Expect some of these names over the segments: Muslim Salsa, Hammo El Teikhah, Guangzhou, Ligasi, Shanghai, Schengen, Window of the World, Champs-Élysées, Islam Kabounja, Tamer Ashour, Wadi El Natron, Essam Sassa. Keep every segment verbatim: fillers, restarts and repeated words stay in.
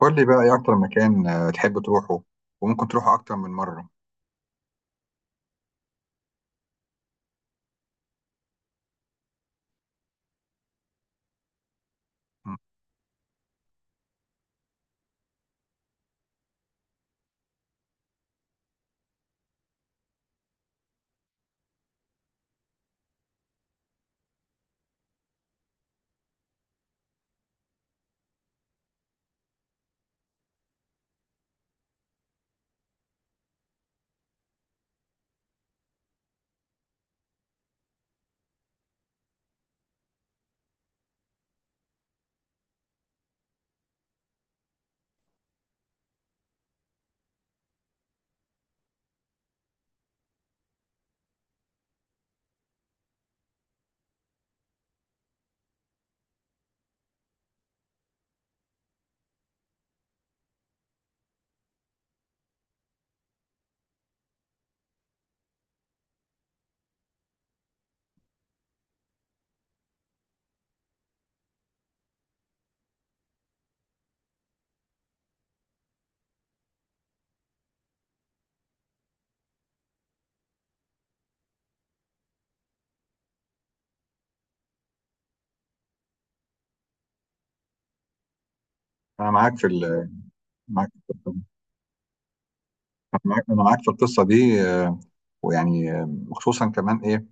قول لي بقى ايه اكتر مكان آه، تحب تروحه وممكن تروحه اكتر من مره. م. انا معاك في ال معاك أنا معاك انا معاك في القصه دي. آه، ويعني آه، خصوصا كمان ايه.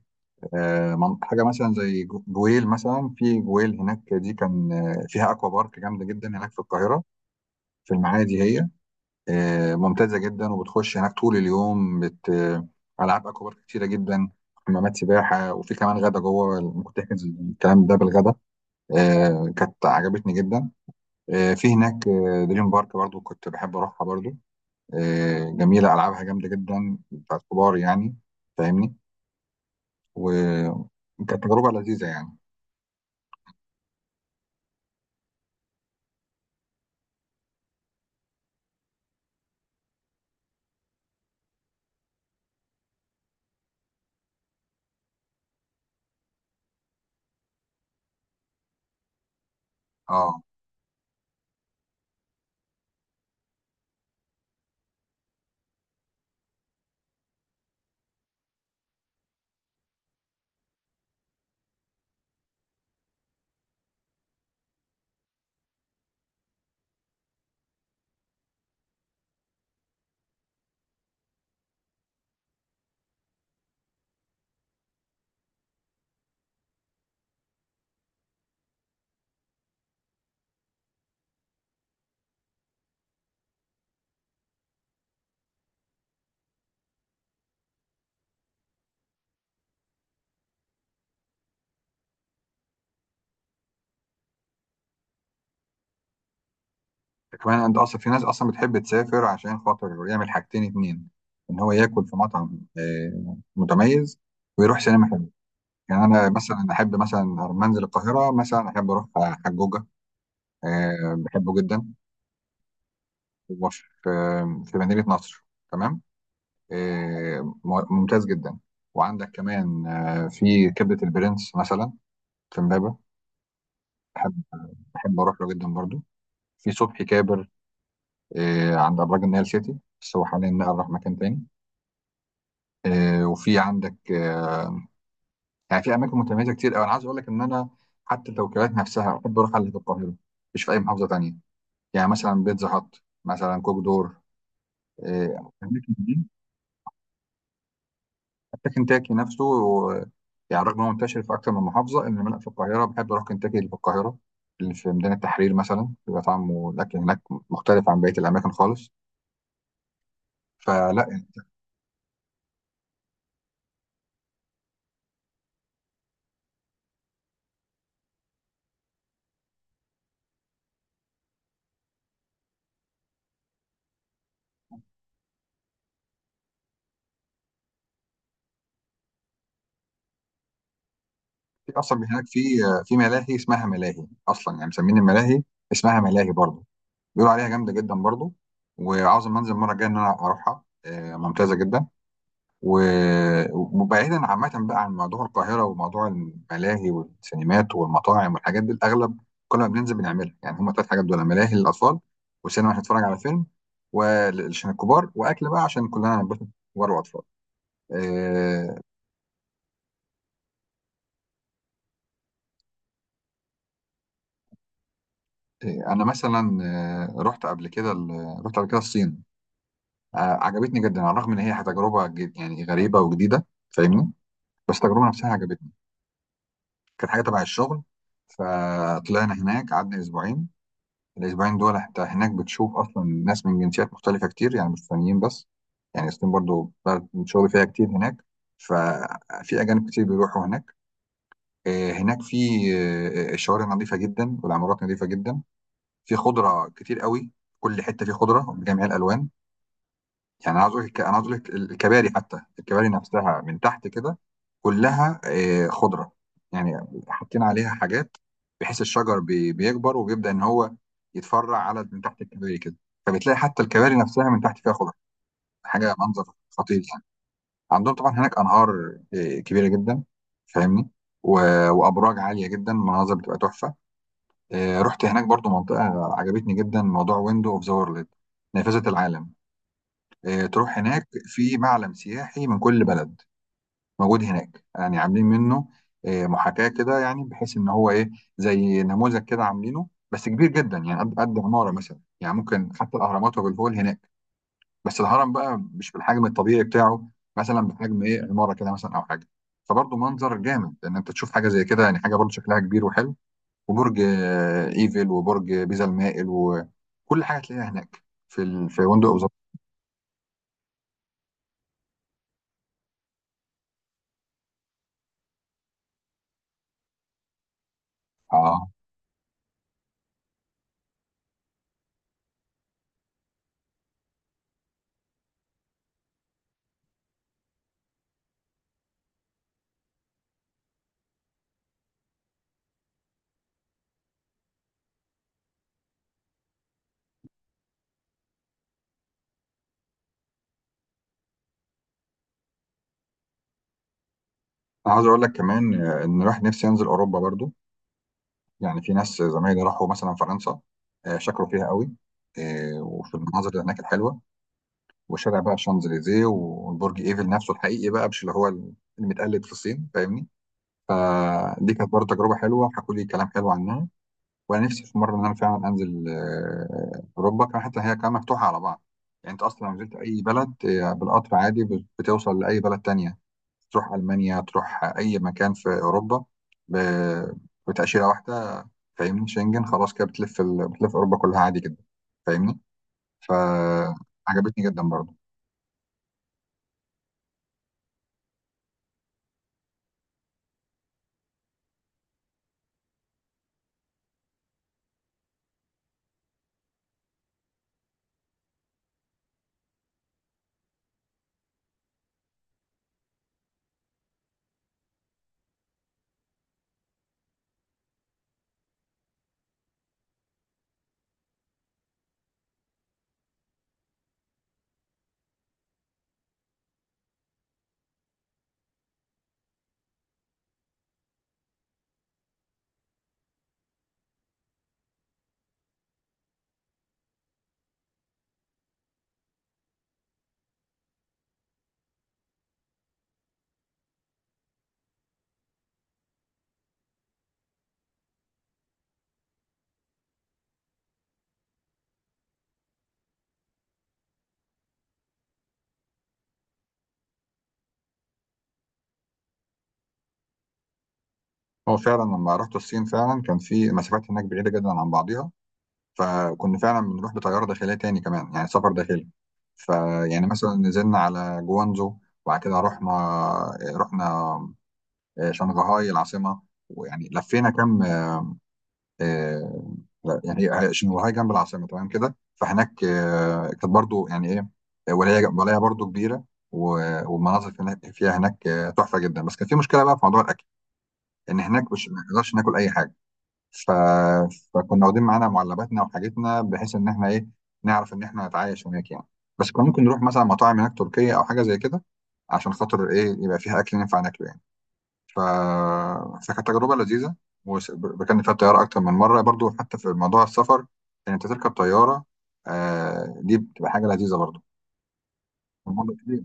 آه، من- حاجه مثلا زي جو- جويل، مثلا في جويل هناك دي كان آه، فيها اكوا بارك جامده جدا هناك في القاهره، في المعادي هي آه، ممتازه جدا، وبتخش هناك طول اليوم بت آه، العاب اكوا بارك كتيره جدا، حمامات سباحه وفي كمان غدا جوه، ممكن تحجز الكلام ده بالغدا. آه، كانت عجبتني جدا. آه، في هناك آه، دريم بارك برضو كنت بحب اروحها برضو، آه، جميله، العابها جامده جدا، بتاعت كبار يعني، فاهمني. وكانت تجربه لذيذه يعني. اه كمان انت اصلا في ناس اصلا بتحب تسافر عشان خاطر يعمل حاجتين اتنين، ان هو ياكل في مطعم آه، متميز، ويروح سينما حلو. يعني انا مثلا احب مثلا لما انزل القاهره، مثلا احب اروح على حجوجه، آه، بحبه جدا، وفي آه، في مدينه نصر، تمام، آه، ممتاز جدا. وعندك كمان آه، في كبدة البرنس مثلا، في امبابة، بحب بحب اروح له جدا برضو. في صبحي كابر آه، عند ابراج النيل سيتي، بس هو حاليا نقل راح مكان تاني. آه، وفي عندك آه، يعني في اماكن متميزه كتير قوي. انا عايز اقول لك ان انا حتى التوكيلات نفسها بحب اروح على اللي في القاهره، مش في اي محافظه تانية. يعني مثلا بيتزا هات، مثلا كوك دور، آه، الاماكن دي، كنتاكي نفسه، و- يعني رغم انه منتشر في اكثر من محافظه، انما انا في القاهره بحب اروح كنتاكي اللي في القاهره، اللي في ميدان التحرير مثلا، بيبقى طعمه الاكل هناك مختلف عن بقيه الاماكن خالص، فلا. في اصلا هناك في في ملاهي اسمها ملاهي، اصلا يعني مسمين الملاهي اسمها ملاهي برضه، بيقولوا عليها جامده جدا برضه، وعاوز أما انزل المره الجايه ان انا اروحها، آه، ممتازه جدا. و- وبعيدا عامة بقى عن موضوع القاهرة وموضوع الملاهي والسينمات والمطاعم والحاجات دي، الأغلب كل ما بننزل بنعملها يعني هما تلات حاجات دول: ملاهي للأطفال، وسينما عشان نتفرج على فيلم وال- عشان الكبار، وأكل بقى عشان كلنا ننبسط، كبار وأطفال. آه، آه، أنا مثلا آه، رحت قبل كده ال- رحت قبل كده الصين. آه، عجبتني جدا، على الرغم إن هي تجربة جد- يعني غريبة وجديدة، فاهمني، بس التجربة نفسها عجبتني. كانت حاجة تبع الشغل، فطلعنا هناك قعدنا أسبوعين. الأسبوعين دول أنت هناك بتشوف أصلا ناس من جنسيات مختلفة كتير، يعني مش سودانيين بس، يعني الصين برضو بلد شغل فيها كتير هناك، ففي أجانب كتير بيروحوا هناك. آه، هناك في آه، الشوارع نظيفة جدا، والعمارات نظيفة جدا، في خضرة كتير قوي، كل حتة في خضرة بجميع الألوان. يعني عاوز اقول لك انا عاوز اقول لك الكباري، حتى الكباري نفسها من تحت كده كلها آه، خضره، يعني حاطين عليها حاجات بحيث الشجر بي- بيكبر وبيبدا ان هو يتفرع على من تحت الكباري كده، فبتلاقي حتى الكباري نفسها من تحت فيها خضره. حاجه منظر خطير يعني. عندهم طبعا هناك انهار آه، كبيره جدا، فاهمني، و- وابراج عاليه جدا، مناظر بتبقى تحفه. آه، رحت هناك برضو منطقه عجبتني جدا، موضوع ويندو اوف ذا وورلد، نافذه العالم. آه، تروح هناك في معلم سياحي من كل بلد موجود هناك، يعني عاملين منه آه، محاكاة كده، يعني بحيث ان هو ايه، زي نموذج كده عاملينه بس كبير جدا، يعني قد قد عمارة مثلا. يعني ممكن حتى الاهرامات وابو الهول هناك، بس الهرم بقى مش بالحجم الطبيعي بتاعه، مثلا بحجم ايه، عمارة كده مثلا او حاجة. فبرضه منظر جامد ان انت تشوف حاجة زي كده، يعني حاجة برضه شكلها كبير وحلو. وبرج آه، ايفل وبرج بيزا المائل وكل حاجة تلاقيها هناك، في ال... في فندق أبو ظبي. اه انا عاوز اقول لك كمان آه، ان راح نفسي انزل اوروبا برضو. يعني في ناس زمايلي راحوا مثلا فرنسا، آه، شكروا فيها قوي، آه، وفي المناظر اللي هناك الحلوه، وشارع بقى الشانزليزيه، والبرج ايفل نفسه الحقيقي بقى، مش اللي هو المتقلد في الصين، فاهمني. آه، دي كانت برضو تجربه حلوه، حكوا لي كلام حلو عنها. وانا نفسي في مره ان انا فعلا انزل آه، اوروبا كمان، حتى هي كمان مفتوحه على بعض. يعني انت اصلا لو نزلت اي بلد آه، بالقطر عادي بت- بتوصل لاي بلد تانية، تروح ألمانيا، تروح أي مكان في أوروبا ب- بتأشيرة واحدة، فاهمني، شنجن، خلاص كده بتلف ال... بتلف أوروبا كلها عادي جدا، فاهمني، فعجبتني جدا برضه. هو فعلا لما رحت الصين فعلا كان في مسافات هناك بعيدة جدا عن بعضيها، فكنا فعلا بنروح بطيارة داخلية، تاني كمان يعني سفر داخلي. فيعني مثلا نزلنا على جوانزو، وبعد كده رحنا رحنا شنغهاي العاصمة، ويعني لفينا كم. آه، لا يعني هي- عشان وهي جنب العاصمه تمام كده، فهناك آه، كانت برضو يعني ايه، ولايه ولايه برضو كبيره. و- والمناظر هناك فيها هناك آه، تحفه جدا. بس كان في مشكله بقى في موضوع الاكل، ان هناك مش ما نقدرش ناكل اي حاجه، ف... فكنا واخدين معانا معلباتنا وحاجتنا بحيث ان احنا ايه، نعرف ان احنا نتعايش هناك يعني. بس كنا ممكن نروح مثلا مطاعم هناك تركيه او حاجه زي كده، عشان خاطر ايه يبقى فيها اكل ينفع ناكله يعني. ف... فكانت تجربة لذيذة. وركبنا فيها الطيارة أكتر من مرة برضو، حتى في موضوع السفر إن أنت تركب طيارة، آه دي بتبقى حاجة لذيذة برضو. الموضوع كبير،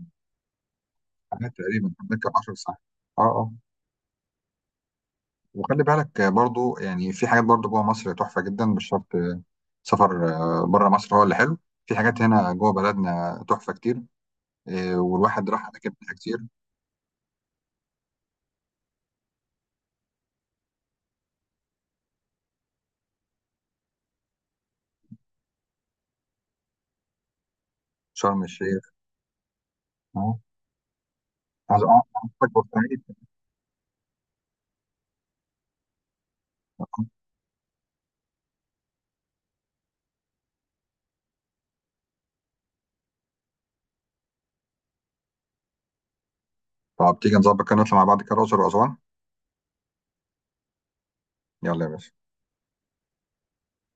حاجات تقريبا بتركب 10 ساعات. اه اه. وخلي بالك آه، برضو يعني في حاجات برضو جوه مصر تحفة جدا، مش شرط آه، سفر آه، بره مصر هو اللي حلو، في حاجات هنا جوه بلدنا تحفة كتير، آه، والواحد راح أماكن منها كتير. شرم الشيخ. اه عايز- آه، عايز- آه، طب تيجي نظبط كده نطلع مع بعض كده الأقصر وأسوان. يلا يا باشا.